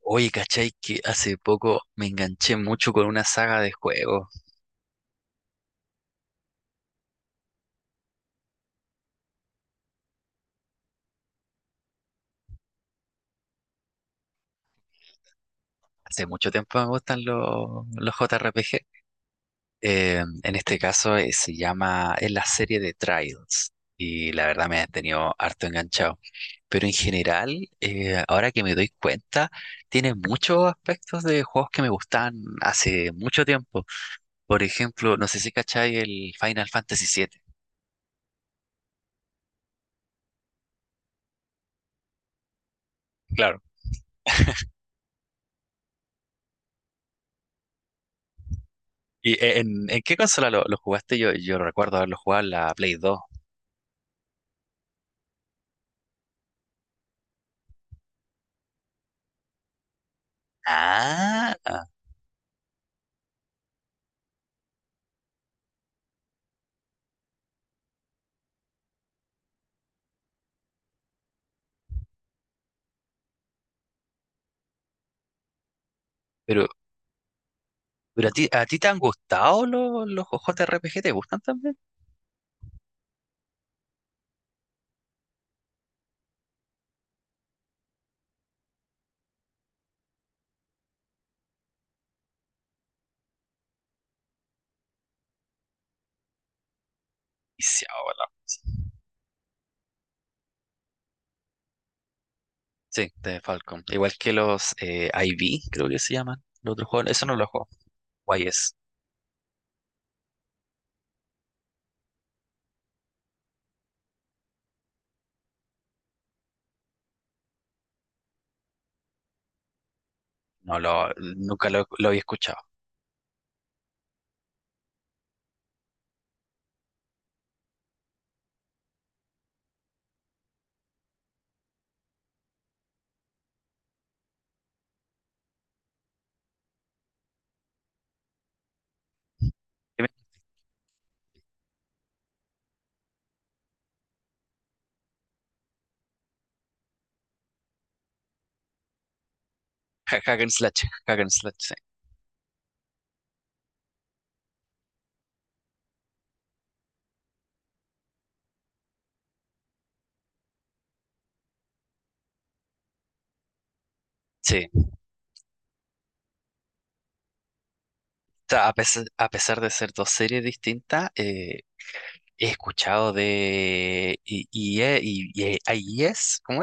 Oye, ¿cachai? Que hace poco me enganché mucho con una saga de juegos. Hace mucho tiempo me gustan los JRPG. En este caso es la serie de Trials. Y la verdad me ha tenido harto enganchado. Pero en general, ahora que me doy cuenta, tiene muchos aspectos de juegos que me gustan hace mucho tiempo. Por ejemplo, no sé si cachai el Final Fantasy 7. Claro. ¿Y en qué consola lo jugaste? Yo recuerdo haberlo jugado en la Play 2. Ah, pero, pero ¿a ti te han gustado los JRPG? ¿Te gustan también? Viciado, sí, de Falcom. Igual que los IV, creo que se llaman. Los otros juegos, eso no lo juego. YS. Nunca lo había escuchado. Hack and Slash, sí. Sí. O sea, a pesar de ser dos series distintas, he escuchado de IES, y IES. ¿Cómo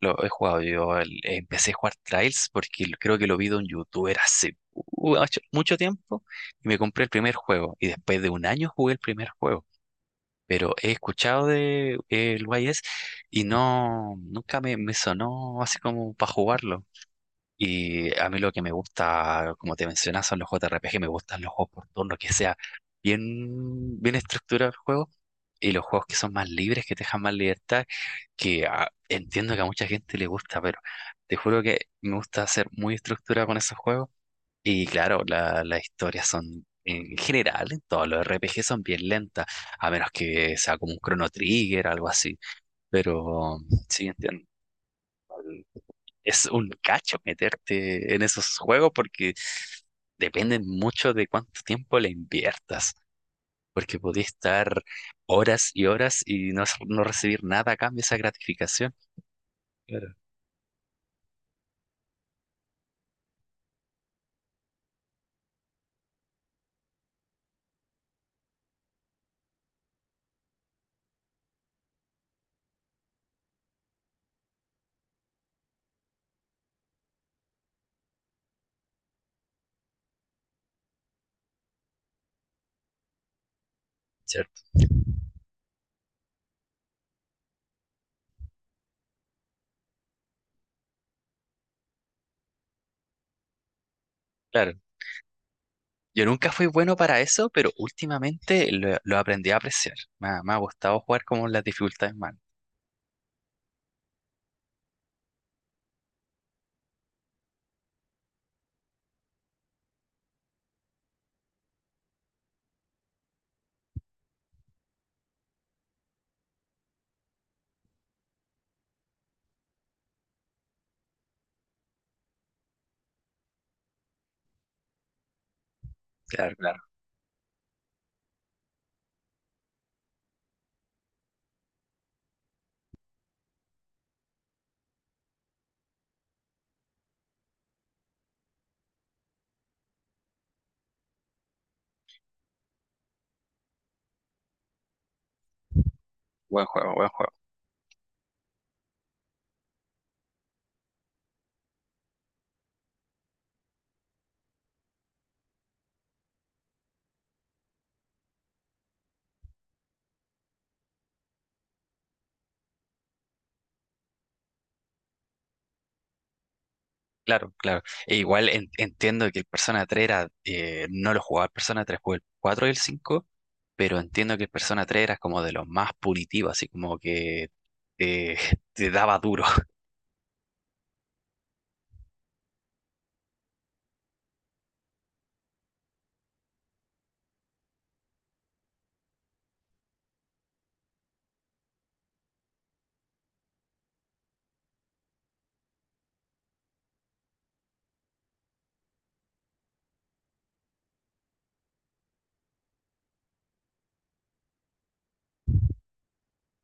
Lo he jugado yo, empecé a jugar Trials porque creo que lo vi de un youtuber hace mucho tiempo y me compré el primer juego y después de un año jugué el primer juego. Pero he escuchado de el YS y no, nunca me sonó así como para jugarlo. Y a mí lo que me gusta, como te mencionas, son los JRPG, me gustan los juegos por turno, que sea bien, bien estructurado el juego, y los juegos que son más libres, que te dejan más libertad, que entiendo que a mucha gente le gusta, pero te juro que me gusta ser muy estructurado con esos juegos. Y claro, las historias son, en general, en todos los RPG son bien lentas, a menos que sea como un Chrono Trigger, algo así. Pero sí, entiendo, es un cacho meterte en esos juegos porque dependen mucho de cuánto tiempo le inviertas, porque podés estar horas y horas y no recibir nada a cambio de esa gratificación. Claro. ¿Cierto? Claro. Yo nunca fui bueno para eso, pero últimamente lo aprendí a apreciar. Me ha gustado jugar como las dificultades más. Claro, claro. Buen juego, buen juego. Claro, claro. E igual entiendo que el Persona 3 era, no lo jugaba el Persona 3, jugué el 4 y el 5, pero entiendo que el Persona tres era como de los más punitivos, así como que eh, te daba duro,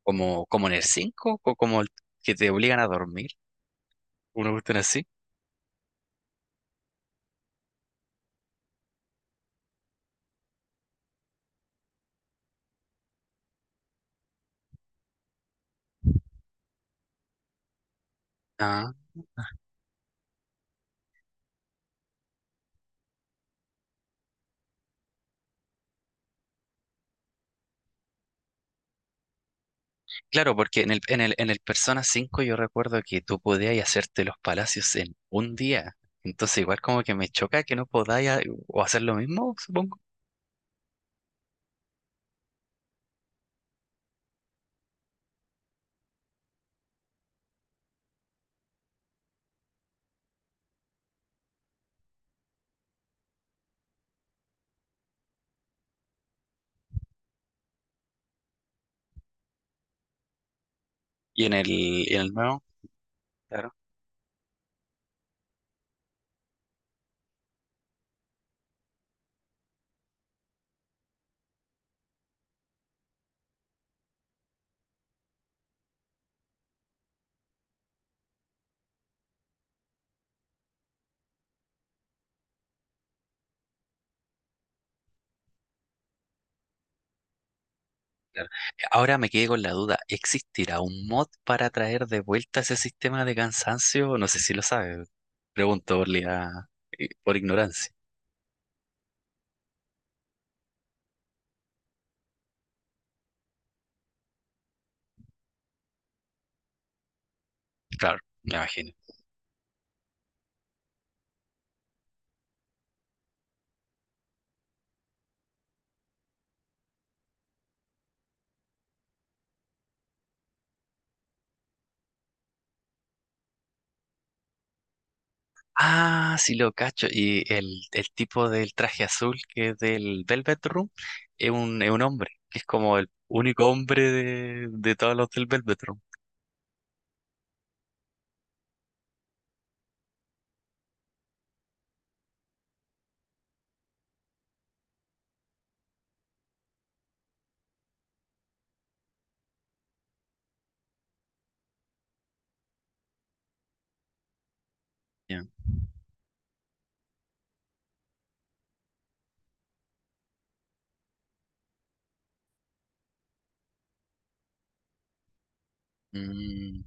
como en el 5 o como el que te obligan a dormir, una cuestión así. Ah, claro, porque en el Persona 5 yo recuerdo que tú podías hacerte los palacios en un día, entonces igual como que me choca que no podáis o hacer lo mismo, supongo. Y en el nuevo. Claro. Claro. Ahora me quedé con la duda, ¿existirá un mod para traer de vuelta ese sistema de cansancio? No sé si lo sabe. Pregunto por ignorancia. Claro, me imagino. Ah, sí lo cacho. Y el tipo del traje azul que es del Velvet Room es un hombre, que es como el único hombre de todos los del Velvet Room. Ya. Mm,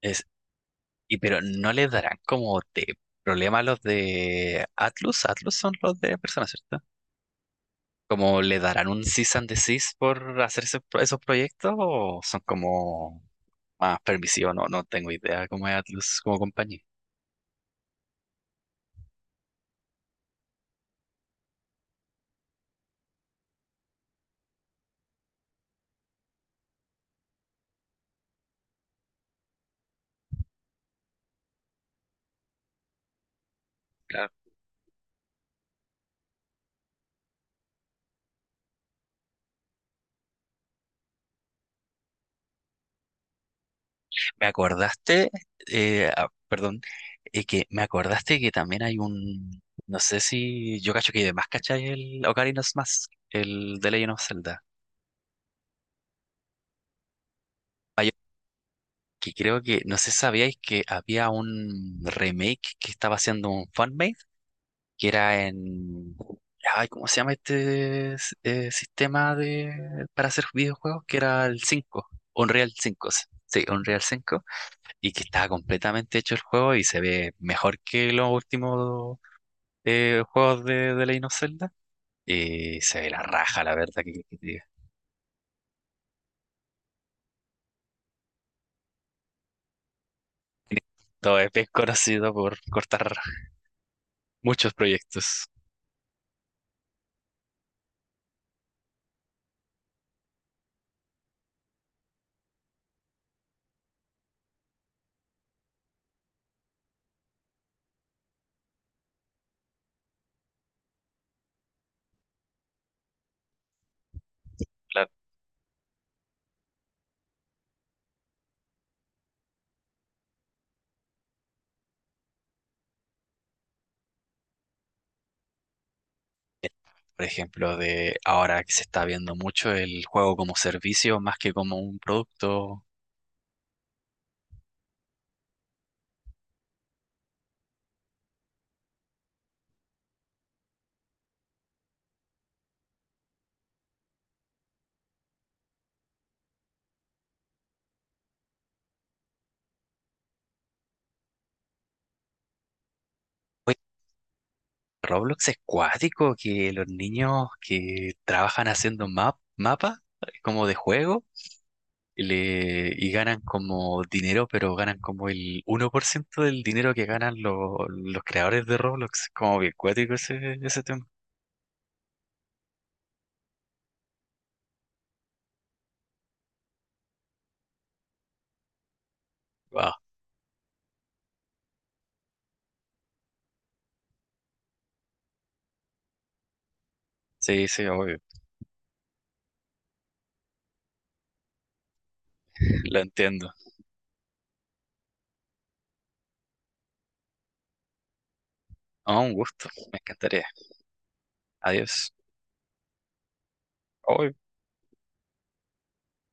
es, y pero no les darán como de problema a los de Atlus. Atlus son los de personas. ¿Como le darán un cease and desist por hacer esos proyectos o son como más permisivos? No, no tengo idea cómo es Atlus como compañía. Claro. Me acordaste, ah, perdón, que me acordaste que también hay un, no sé si yo cacho que además cachai el Ocarina of Mask, el de Legend of Zelda. Hay- que creo que, no sé si sabíais, que había un remake que estaba haciendo un fanmade que era en... Ay, ¿cómo se llama sistema para hacer videojuegos? Que era el cinco, Unreal 5, sí, Unreal 5, y que estaba completamente hecho el juego y se ve mejor que los últimos juegos de Legend of Zelda. Y se ve la raja, la verdad, todo es bien conocido por cortar muchos proyectos. Claro. Por ejemplo, de ahora que se está viendo mucho el juego como servicio más que como un producto. Roblox es cuático, que los niños que trabajan haciendo mapas como de juego, y ganan como dinero, pero ganan como el 1% del dinero que ganan los creadores de Roblox. Como bien cuático ese tema. Wow. Sí, sí, obvio. Lo entiendo. Ah, un gusto. Me encantaría. Adiós. Obvio.